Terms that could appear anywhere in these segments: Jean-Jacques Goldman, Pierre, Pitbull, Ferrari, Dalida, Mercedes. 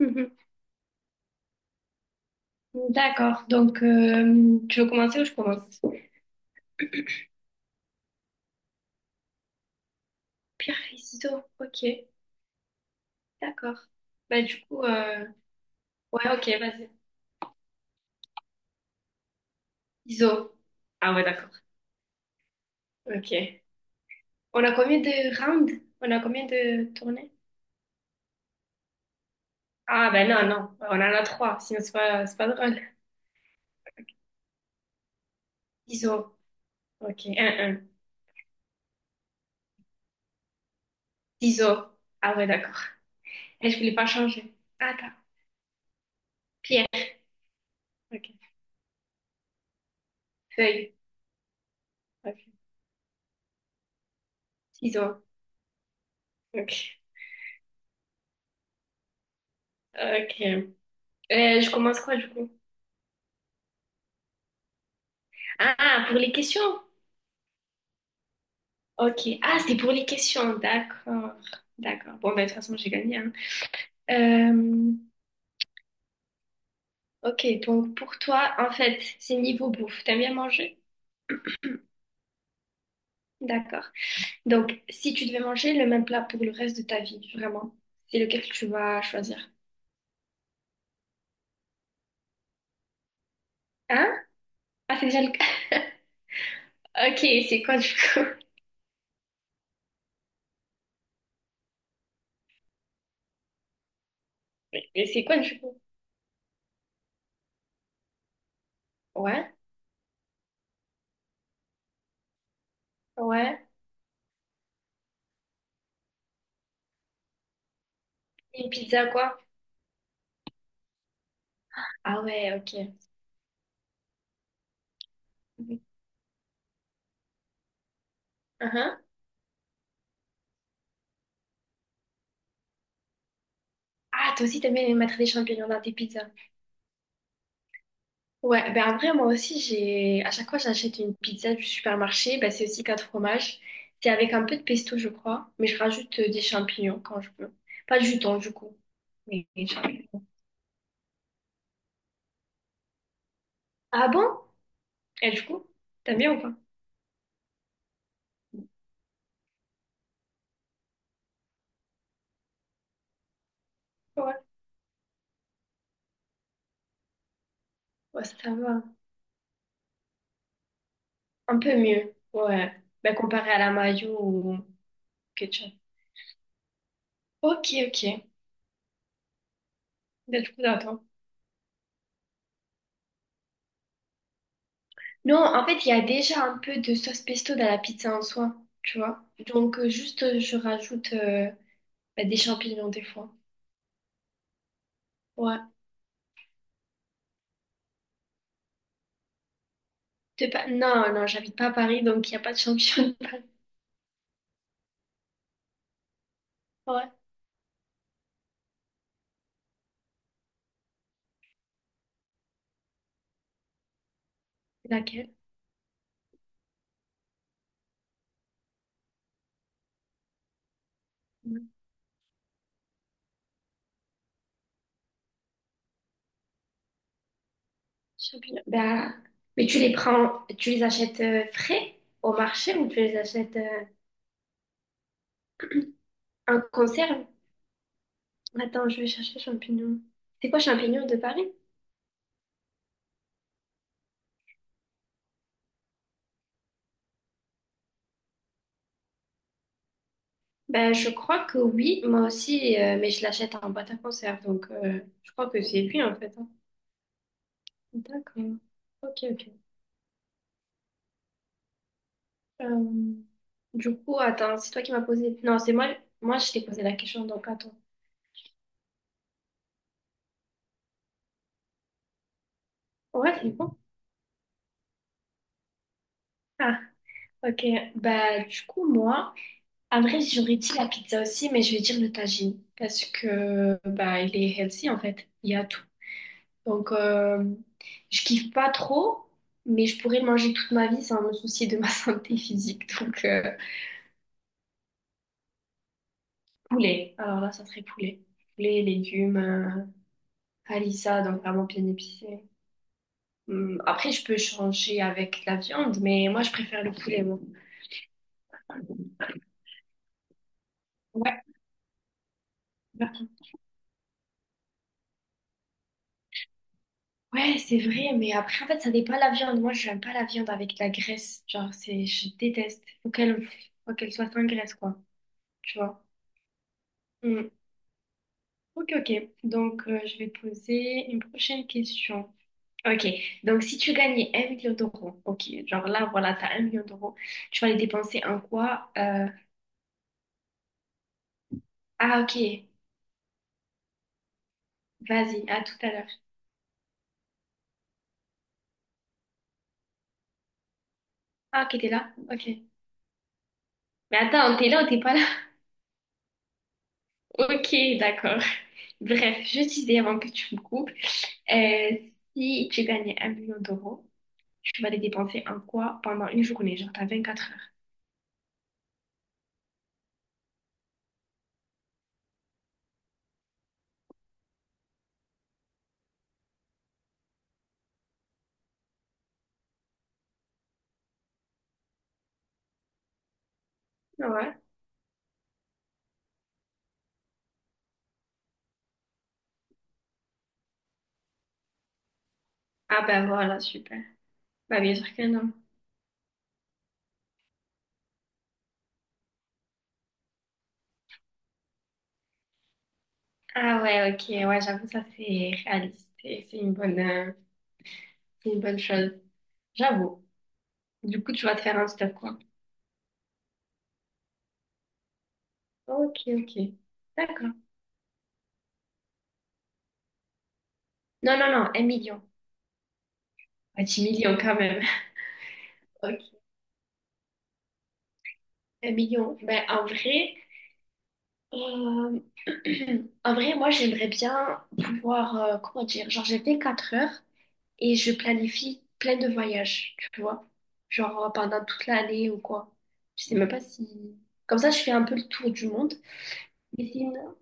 Mhm. D'accord. Donc, tu veux commencer ou je commence? Pierre Iso. Ok. D'accord. Bah, du coup, euh, ouais, ok, vas-y. Iso. Ah, ouais, d'accord. Ok. On a combien de rounds? On a combien de tournées? Ah, ben non, non. On en a trois. Sinon, c'est pas drôle. Iso. Ok. Un, un. Iso. Ah, ouais, d'accord. Et je voulais pas changer. Attends. Pierre. Ok. Feuille. Ok. Ciseaux. Ok. Ok. Je commence quoi, du coup? Ah, pour les questions? Ok. Ah, c'est pour les questions. D'accord. D'accord. Bon, ben, de toute façon, j'ai gagné, hein. Euh, ok. Donc, pour toi, en fait, c'est niveau bouffe. T'aimes bien manger? D'accord. Donc, si tu devais manger le même plat pour le reste de ta vie, vraiment, c'est lequel que tu vas choisir? Hein? Ah, c'est déjà le... Ok, c'est quoi du coup? Mais c'est quoi du coup? Ouais, ouais. Une pizza quoi? Ah ouais, ok. Mhm. Ah, toi aussi t'aimes bien mettre des champignons dans tes pizzas. Ouais, ben après, moi aussi, j'ai à chaque fois j'achète une pizza du supermarché, ben c'est aussi quatre fromages. C'est avec un peu de pesto, je crois, mais je rajoute des champignons quand je peux. Pas du thon, du coup, mais des champignons. Ah bon? Et du coup, t'aimes bien ou pas? Ouais. Ouais, ça va. Un peu mieux, ouais. Ben comparé à la mayo ou ketchup. Ok, ok. Ben du coup, attends. Non, en fait, il y a déjà un peu de sauce pesto dans la pizza en soi, tu vois. Donc, je rajoute ben, des champignons des fois. Ouais. T'es pas... Non, non, j'habite pas à Paris, donc il n'y a pas de champignons. Ouais. Laquelle? Ouais. Champignons. Bah, mais tu les prends, tu les achètes frais au marché ou tu les achètes en conserve? Attends, je vais chercher champignons. C'est quoi champignons de Paris? Ben, je crois que oui, moi aussi, mais je l'achète en boîte à conserve, donc je crois que c'est lui en fait, hein. D'accord. Ok, ok. Euh, Du coup, attends, c'est toi qui m'as posé. Non, c'est moi. Moi, je t'ai posé la question, donc attends. Ouais, c'est bon. Ah, ok, bah du coup moi, en vrai j'aurais dit la pizza aussi, mais je vais dire le tagine parce que bah il est healthy en fait, il y a tout. Donc je kiffe pas trop, mais je pourrais le manger toute ma vie sans me soucier de ma santé physique. Donc poulet, alors là ça serait poulet, poulet, légumes, harissa, donc vraiment bien épicé. Après je peux changer avec la viande, mais moi je préfère le poulet, moi. Ouais. Ouais, c'est vrai, mais après, en fait, ça dépend de la viande. Moi, je n'aime pas la viande avec de la graisse. Genre, c'est, je déteste. Faut qu'elle soit sans graisse, quoi. Tu vois? Mm. Ok, ok. Donc, je vais poser une prochaine question. Ok. Donc, si tu gagnais un million d'euros, ok. Genre là, voilà, t'as un million d'euros. Tu vas les dépenser en quoi? Ah, ok. Vas-y, à tout à l'heure. Ah, ok, t'es là? Ok. Mais attends, t'es là ou t'es pas là? Ok, d'accord. Bref, je disais avant que tu me coupes. Euh, Si tu gagnais un million d'euros, tu vas les dépenser en quoi pendant une journée, genre t'as 24 heures. Ouais. Ah ben voilà, super. Bah bien sûr que non. Ah ouais, ok, ouais, j'avoue, ça c'est réaliste et c'est c'est une bonne chose. J'avoue. Du coup, tu vas te faire un stop, quoi. Ok, ok. D'accord. Non, non, non, un million. Ah, 10 millions quand même. Ok, un million. Ben en vrai, euh, en vrai, moi j'aimerais bien pouvoir, comment dire, genre j'ai 24 heures. Et je planifie plein de voyages, tu vois. Genre pendant toute l'année ou quoi. Je sais même pas si... Comme ça, je fais un peu le tour du monde. Mais sinon,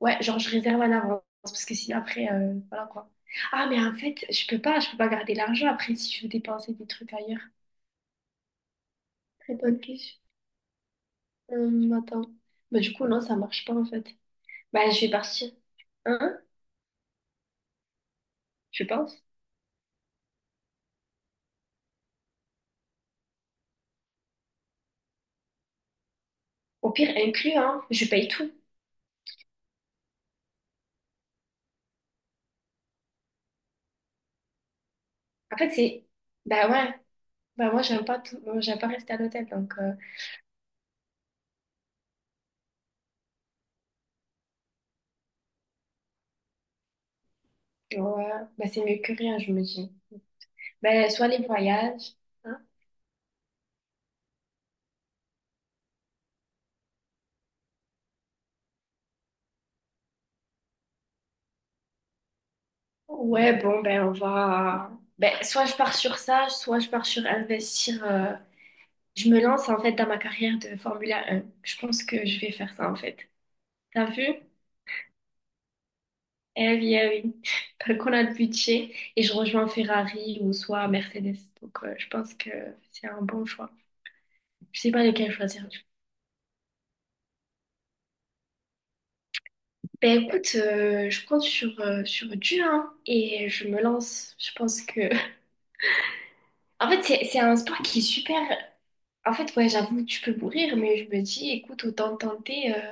ouais, genre je réserve à l'avance parce que sinon après, voilà quoi. Ah, mais en fait, je peux pas garder l'argent après si je veux dépenser des trucs ailleurs. Très bonne question. Attends. Bah, du coup, non, ça marche pas en fait. Bah, je vais partir. Hein? Je pense. Au pire, inclus, hein. Je paye tout. En fait, c'est... Bah ouais. Bah moi, j'aime pas tout... Moi, j'aime pas rester à l'hôtel, donc... Ouais, bah c'est mieux que rien, je me dis. Ben, soit les voyages, hein. Ouais, bon, ben on va. Ben, soit je pars sur ça, soit je pars sur investir. Je me lance en fait dans ma carrière de Formule 1. Je pense que je vais faire ça en fait. T'as vu? Eh oui, eh oui. Tant qu'on a le budget et je rejoins Ferrari ou soit Mercedes. Donc je pense que c'est un bon choix. Je sais pas lequel choisir, du coup. Ben écoute, je compte sur, sur Dieu hein, et je me lance. Je pense que en fait, c'est un sport qui est super. En fait, ouais, j'avoue, tu peux mourir, mais je me dis, écoute, autant tenter,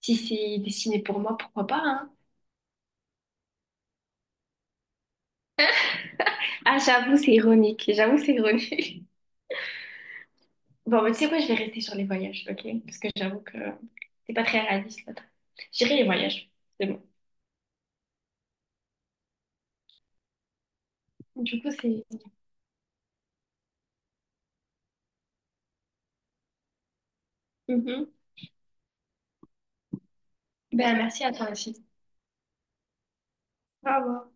si c'est destiné pour moi, pourquoi pas, hein. Ah, j'avoue, c'est ironique. J'avoue, c'est ironique. Bon, mais tu sais quoi, je vais rester sur les voyages, ok? Parce que j'avoue que c'est pas très réaliste, là. J'irai les voyages. C'est bon. Du coup, c'est. Mhm. Ben, merci à toi aussi. Au revoir.